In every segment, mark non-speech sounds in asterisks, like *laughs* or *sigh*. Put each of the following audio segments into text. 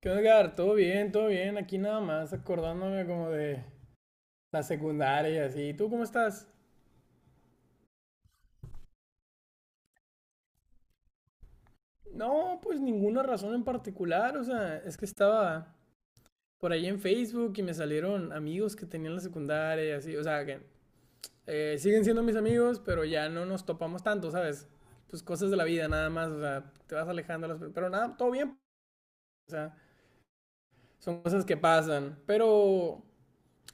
¿Qué onda, Edgar? Todo bien, todo bien. Aquí nada más acordándome como de la secundaria y así. ¿Tú cómo estás? No, pues ninguna razón en particular. O sea, es que estaba por ahí en Facebook y me salieron amigos que tenían la secundaria y así. O sea, que siguen siendo mis amigos, pero ya no nos topamos tanto, ¿sabes? Pues cosas de la vida nada más. O sea, te vas alejando. Pero nada, todo bien. O sea, son cosas que pasan. Pero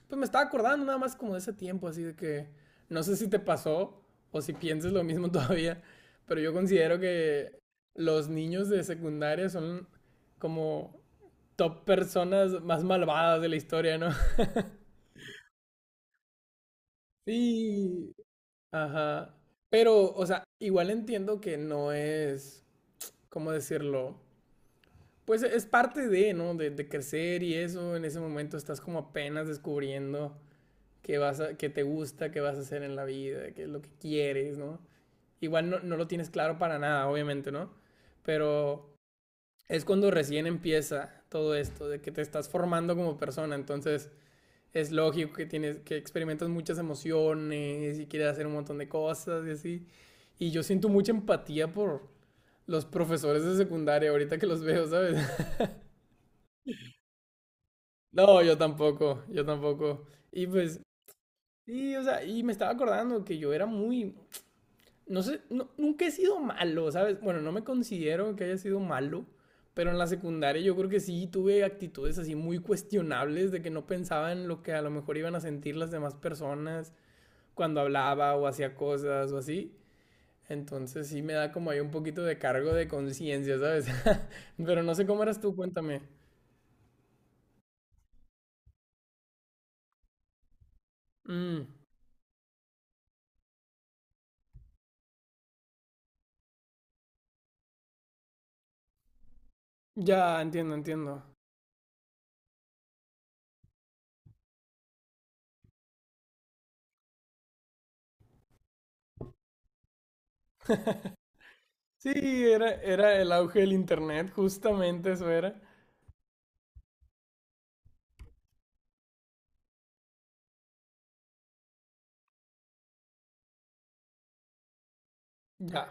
pues me estaba acordando nada más como de ese tiempo, así de que no sé si te pasó o si piensas lo mismo *laughs* todavía, pero yo considero que los niños de secundaria son como top personas más malvadas de la historia, ¿no? *laughs* Sí, ajá. Pero, o sea, igual entiendo que no es, ¿cómo decirlo? Pues es parte de, ¿no? De crecer y eso, en ese momento estás como apenas descubriendo qué, qué te gusta, qué vas a hacer en la vida, qué es lo que quieres, ¿no? Igual no lo tienes claro para nada, obviamente, ¿no? Pero es cuando recién empieza todo esto, de que te estás formando como persona, entonces es lógico que que experimentas muchas emociones y quieres hacer un montón de cosas y así. Y yo siento mucha empatía por los profesores de secundaria ahorita que los veo, ¿sabes? *laughs* No, yo tampoco, yo tampoco. Y pues, sí, o sea, y me estaba acordando que yo era muy, no sé, nunca he sido malo, ¿sabes? Bueno, no me considero que haya sido malo, pero en la secundaria yo creo que sí tuve actitudes así muy cuestionables de que no pensaba en lo que a lo mejor iban a sentir las demás personas cuando hablaba o hacía cosas o así. Entonces sí me da como ahí un poquito de cargo de conciencia, ¿sabes? *laughs* Pero no sé cómo eras tú, cuéntame. Mm, ya, entiendo, entiendo. Sí, era el auge del internet, justamente eso era. Ya.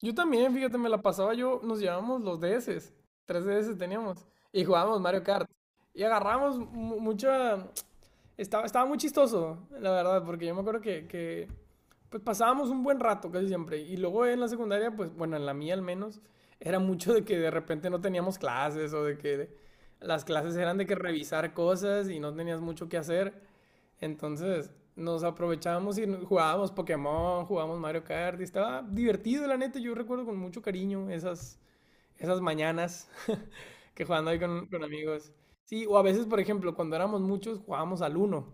Yo también, fíjate, me la pasaba yo, nos llevábamos los DS, tres DS teníamos, y jugábamos Mario Kart. Y agarramos mucha. Estaba muy chistoso, la verdad, porque yo me acuerdo que, pues pasábamos un buen rato casi siempre. Y luego en la secundaria, pues bueno, en la mía al menos, era mucho de que de repente no teníamos clases o de que las clases eran de que revisar cosas y no tenías mucho que hacer. Entonces nos aprovechábamos y jugábamos Pokémon, jugábamos Mario Kart y estaba divertido, la neta. Yo recuerdo con mucho cariño esas mañanas *laughs* que jugando ahí con amigos. Sí, o a veces, por ejemplo, cuando éramos muchos jugábamos al Uno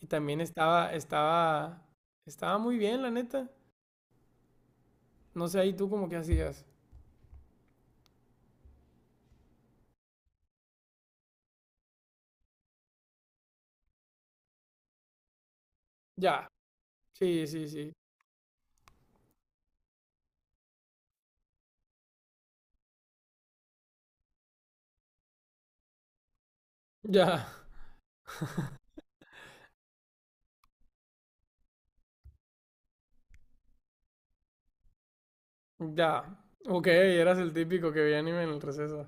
y también estaba muy bien, la neta. No sé, ahí tú como que hacías. Ya, sí, sí, sí. Ya, ya. Ok, eras el típico que veía anime en el receso.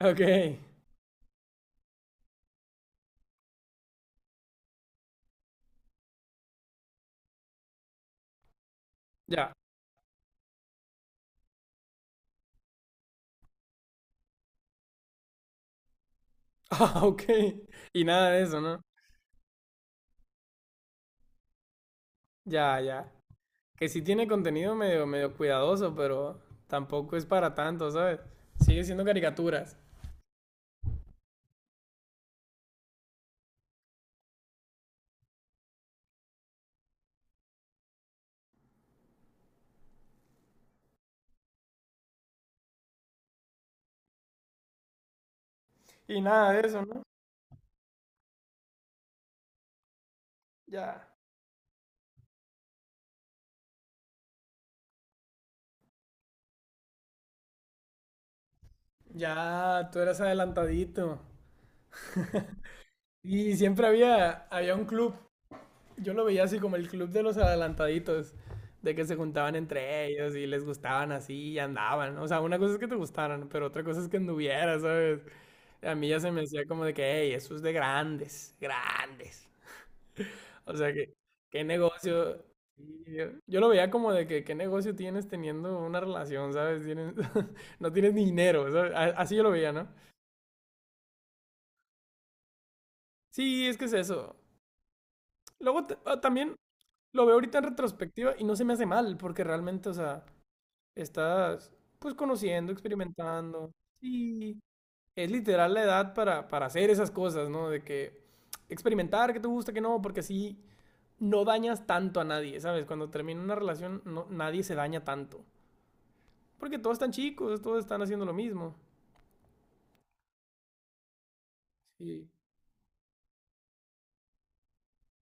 Ok, ya. *laughs* Ah, ok. Y nada de eso, ¿no? Ya, ya. Que sí tiene contenido medio, medio cuidadoso, pero tampoco es para tanto, ¿sabes? Sigue siendo caricaturas. Y nada de eso, ¿no? Ya. Ya, tú eras adelantadito. *laughs* Y siempre había un club, yo lo veía así como el club de los adelantaditos, de que se juntaban entre ellos y les gustaban así y andaban. O sea, una cosa es que te gustaran, pero otra cosa es que anduvieras, ¿sabes? A mí ya se me hacía como de que, hey, eso es de grandes, grandes. O sea, que qué negocio. Sí, Yo lo veía como de que qué negocio tienes teniendo una relación, ¿sabes? *laughs* No tienes ni dinero, ¿sabes? Así yo lo veía, ¿no? Sí, es que es eso. Luego también lo veo ahorita en retrospectiva y no se me hace mal, porque realmente, o sea, estás pues conociendo, experimentando. Sí, es literal la edad para hacer esas cosas, ¿no? De que experimentar, que te gusta, que no, porque así no dañas tanto a nadie, ¿sabes? Cuando termina una relación, no, nadie se daña tanto. Porque todos están chicos, todos están haciendo lo mismo. Sí.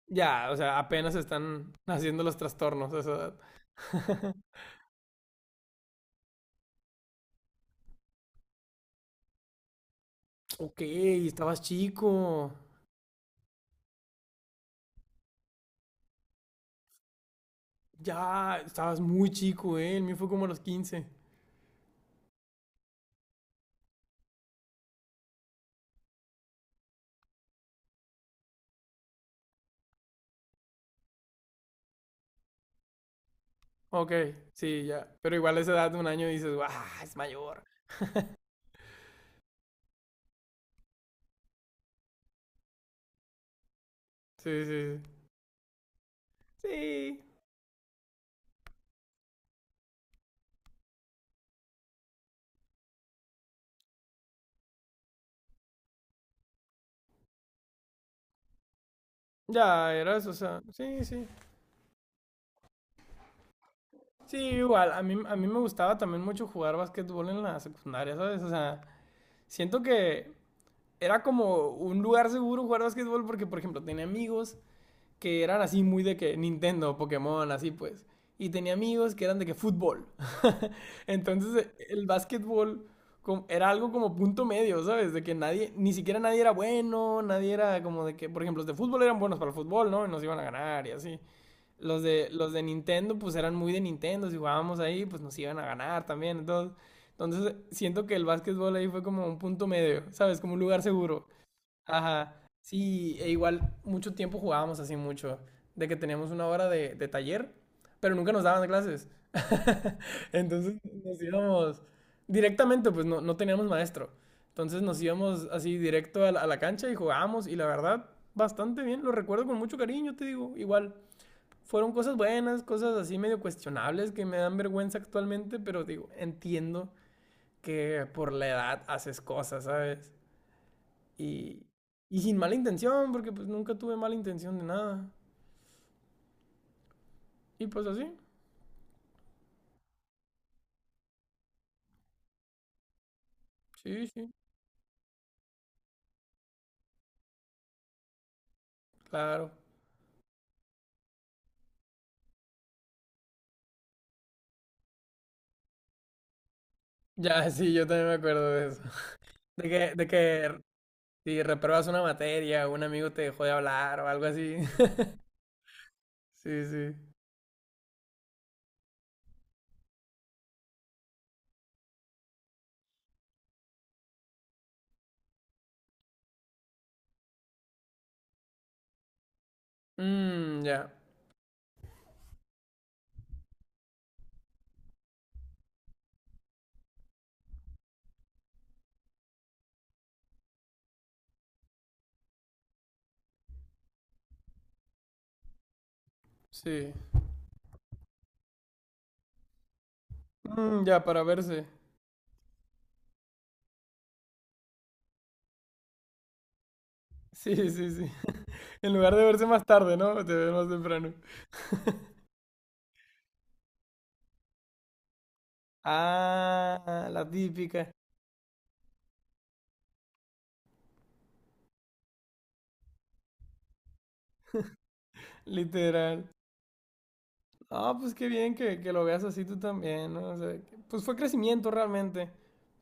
Ya, o sea, apenas están haciendo los trastornos a esa edad. *laughs* Ok, estabas chico. Ya, estabas muy chico, ¿eh? El mío fue como a los 15. Ok, sí, ya. Pero igual a esa edad de un año dices, ¡ah! Es mayor. *laughs* Sí, sí, sí. Sí, ya, era eso, o sea, sí, sí. Sí, igual, a mí me gustaba también mucho jugar básquetbol en la secundaria, ¿sabes? O sea, siento que era como un lugar seguro jugar básquetbol porque, por ejemplo, tenía amigos que eran así muy de que Nintendo, Pokémon, así pues. Y tenía amigos que eran de que fútbol. *laughs* Entonces el básquetbol era algo como punto medio, ¿sabes? De que nadie, ni siquiera nadie era bueno, nadie era como de que, por ejemplo, los de fútbol eran buenos para el fútbol, ¿no? Y nos iban a ganar y así. Los de Nintendo, pues eran muy de Nintendo, si jugábamos ahí, pues nos iban a ganar también. Entonces siento que el básquetbol ahí fue como un punto medio, ¿sabes? Como un lugar seguro. Ajá, sí, e igual mucho tiempo jugábamos así mucho, de que teníamos una hora de taller, pero nunca nos daban clases. *laughs* Entonces nos íbamos directamente, pues no teníamos maestro. Entonces nos íbamos así directo a la cancha y jugábamos y la verdad, bastante bien, lo recuerdo con mucho cariño, te digo, igual. Fueron cosas buenas, cosas así medio cuestionables que me dan vergüenza actualmente, pero digo, entiendo que por la edad haces cosas, ¿sabes? Y, y sin mala intención, porque pues nunca tuve mala intención de nada. Y pues así, sí, sí, claro. Ya, *laughs* sí, yo también me acuerdo de eso. *laughs* De que si repruebas una materia, un amigo te dejó de hablar o algo así. *laughs* Sí, sí. Mmm, ya, sí. Mm, ya, para verse. *laughs* Sí, sí, sí. *laughs* En lugar de verse más tarde, ¿no? Te ves más temprano. *laughs* Ah, la típica, literal. Ah, pues qué bien que lo veas así tú también, ¿no? O sea, pues fue crecimiento realmente.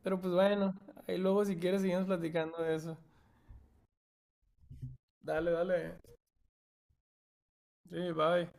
Pero pues bueno, ahí luego si quieres seguimos platicando de eso. Dale, dale. Sí, bye.